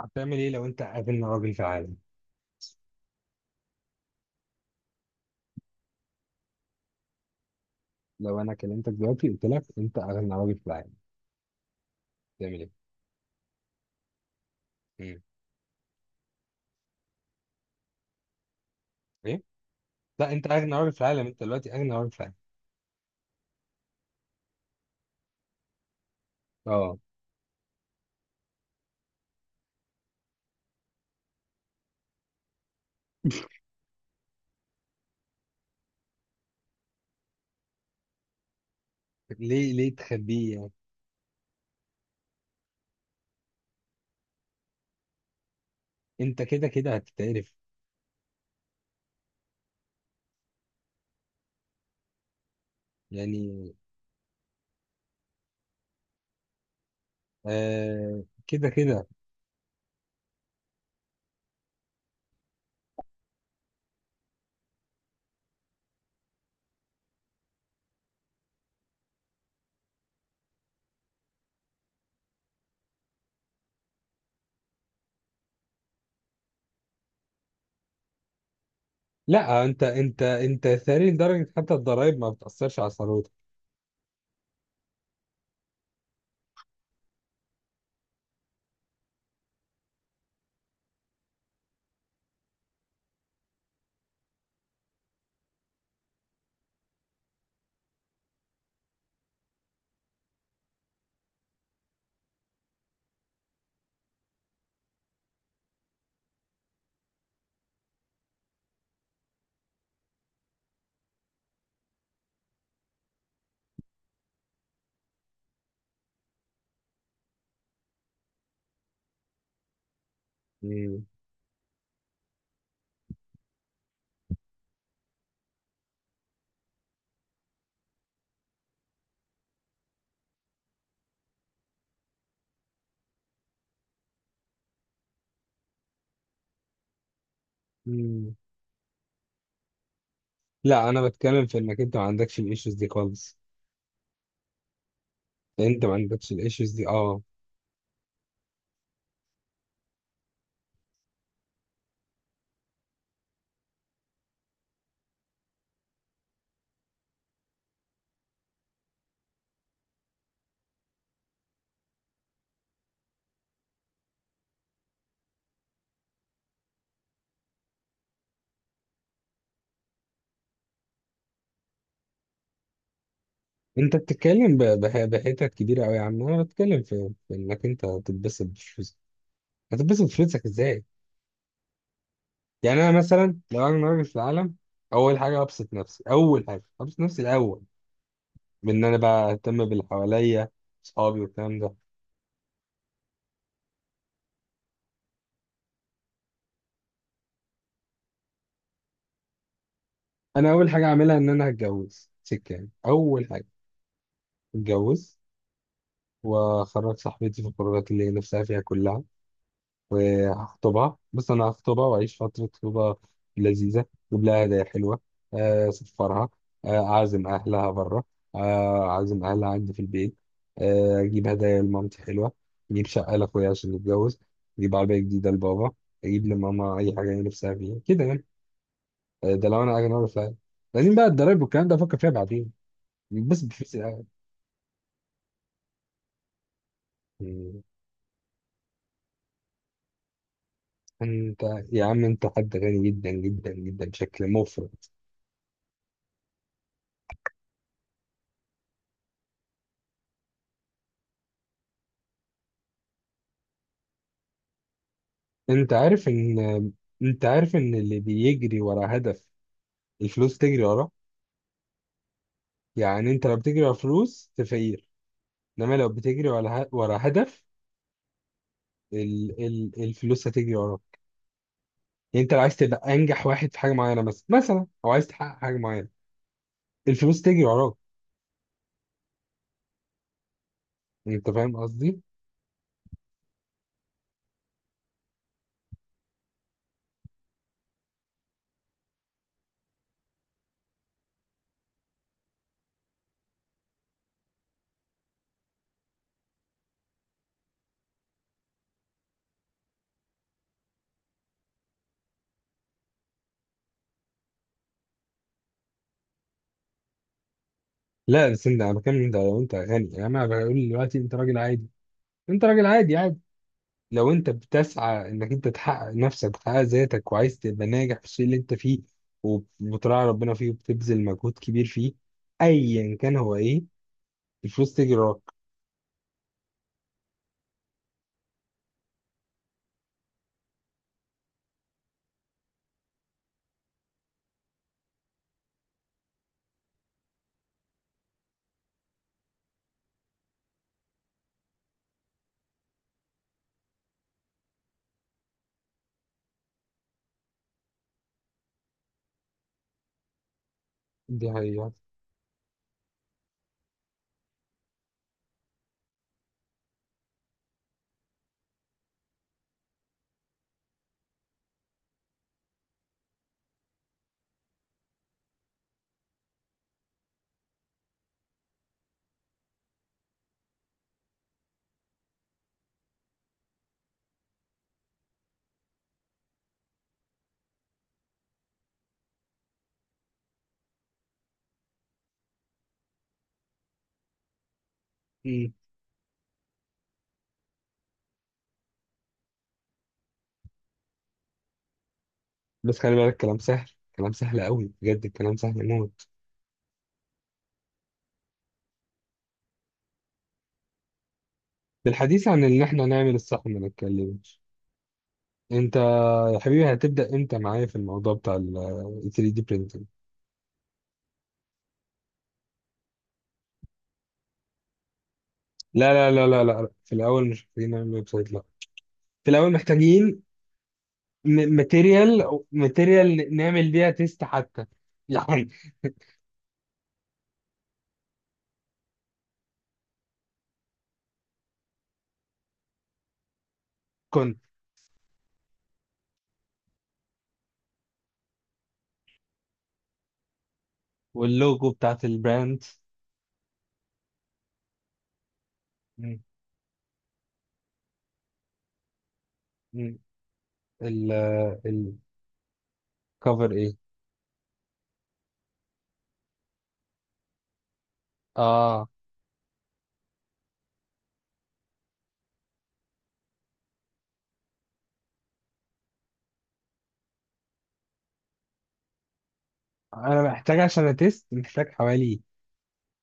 هتعمل ايه لو انت اغنى راجل في العالم؟ لو انا كلمتك دلوقتي قلت لك انت اغنى راجل في العالم، تعمل ايه؟ مم. ايه؟ لا، انت اغنى راجل في العالم، انت دلوقتي اغنى راجل في العالم. اه. ليه تخبيه يعني؟ انت كده كده هتتعرف. يعني. آه، كده كده. لا، انت ثري لدرجه حتى الضرايب ما بتاثرش على ثروتك. مم. مم. لا، انا بتكلم في انك انت ما عندكش الايشوز دي خالص. انت ما عندكش الايشوز دي، اه. انت بتتكلم بحتت كبيره قوي يا عم. انا بتكلم في انك انت تتبسط بفلوسك. هتتبسط بفلوسك ازاي؟ يعني انا مثلا لو انا راجل في العالم، اول حاجه ابسط نفسي، اول حاجه ابسط نفسي الاول، بان انا بقى اهتم باللي حواليا، اصحابي والكلام ده. انا اول حاجه اعملها ان انا هتجوز سكه، يعني اول حاجه، اتجوز، واخرج صاحبتي في القرارات اللي هي نفسها فيها كلها، وهخطبها. بص، انا هخطبها واعيش فتره خطوبه لذيذه. اجيب لها هدايا حلوه. آه، اسفرها. آه، اعزم اهلها بره. آه، اعزم اهلها عندي في البيت. آه، اجيب هدايا لمامتي حلوه. اجيب شقه لاخويا عشان يتجوز. اجيب عربيه جديده لبابا. اجيب لماما اي حاجه هي نفسها فيها كده، يعني. آه، ده لو انا اجي اعرف. لازم بقى الضرايب والكلام ده افكر فيها بعدين، بس بفلوس الأول. مم. انت يا عم، انت حد غني جدا جدا جدا بشكل مفرط. انت عارف ان انت عارف ان اللي بيجري ورا هدف، الفلوس تجري وراه. يعني انت لو بتجري ورا فلوس، تفقير. انما لو بتجري ورا هدف، الفلوس هتجري وراك. يعني انت لو عايز تبقى انجح واحد في حاجه معينه مثلا مثلا، او عايز تحقق حاجه معينه، الفلوس تجري وراك. انت فاهم قصدي؟ لا، بس انت، انا بكلم انت لو انت غني. يعني انا بقول دلوقتي انت راجل عادي، انت راجل عادي عادي. لو انت بتسعى انك انت تحقق نفسك وتحقق ذاتك، وعايز تبقى ناجح في الشيء اللي انت فيه، وبتراعي ربنا فيه، وبتبذل مجهود كبير فيه، ايا كان هو ايه، الفلوس تجي وراك. دي حقيقة. مم. بس خلي بالك، الكلام سهل. كلام سهل قوي، بجد الكلام سهل موت. بالحديث عن ان احنا نعمل الصح، ما نتكلمش. انت يا حبيبي، هتبدأ امتى معايا في الموضوع بتاع ال 3D printing؟ لا لا لا لا لا، في الاول مش محتاجين نعمل ويب سايت، لا. في الاول محتاجين ماتيريال ماتيريال نعمل بيها تيست حتى يعني. كنت واللوجو بتاعت البراند. م- م- ال الكفر ايه؟ اه. انا محتاج عشان اتست، محتاج حوالي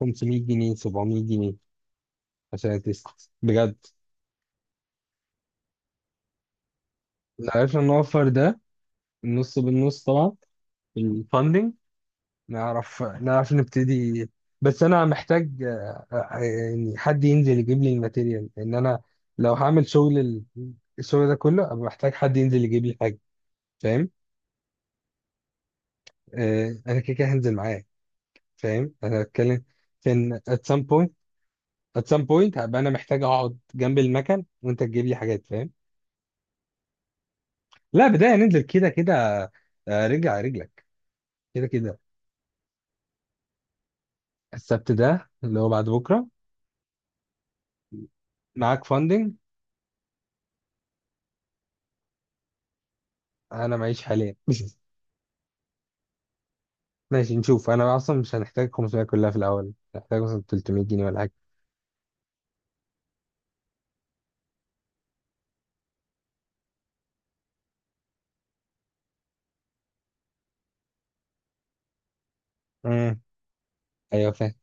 500 جنيه، 700 جنيه، عشان اتست، بجد. لو عرفنا نوفر ده، النص بالنص طبعا، الفاندنج، نعرف نبتدي. بس انا محتاج يعني حد ينزل يجيب لي الماتيريال، لان انا لو هعمل شغل الشغل ده كله، ابقى محتاج حد ينزل يجيب لي حاجه، فاهم؟ آه، انا كده كده هنزل معاه. فاهم، انا بتكلم في ان at some point، at some point هبقى انا محتاج اقعد جنب المكن وانت تجيب لي حاجات، فاهم؟ لا، بدايه ننزل كده كده. آه، رجع رجلك، كده كده. السبت ده اللي هو بعد بكره. معاك فاندنج؟ انا معيش حاليا. ماشي، نشوف. انا اصلا مش هنحتاج 500 كلها في الاول، هنحتاج مثلا 300 جنيه ولا حاجه. امم. ايوه، فاهم،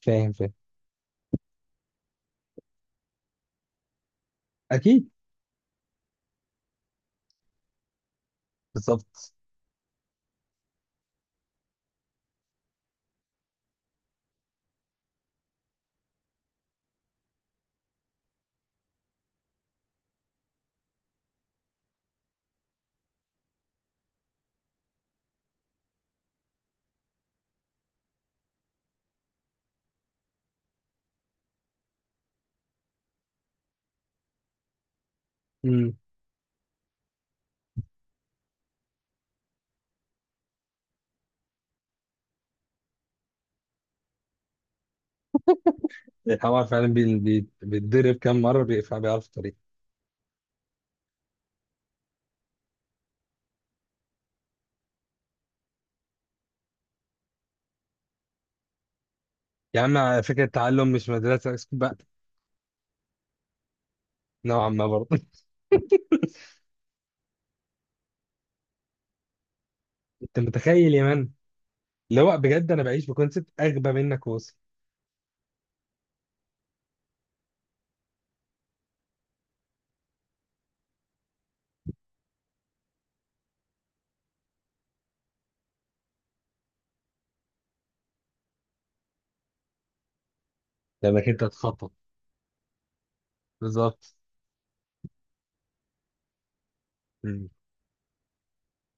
فاهم، فاهم. اكيد. بالظبط. امم. الحوار فعلا بيتضرب كام مره، بيقفل بيعرف الطريق. يا عم، على فكره، التعلم مش مدرسه، اسكت بقى. نوعا ما برضه. انت متخيل يا مان؟ اللي هو بجد انا بعيش بكونسيبت اغبى منك، واصل، لانك انت تخطط، بالظبط.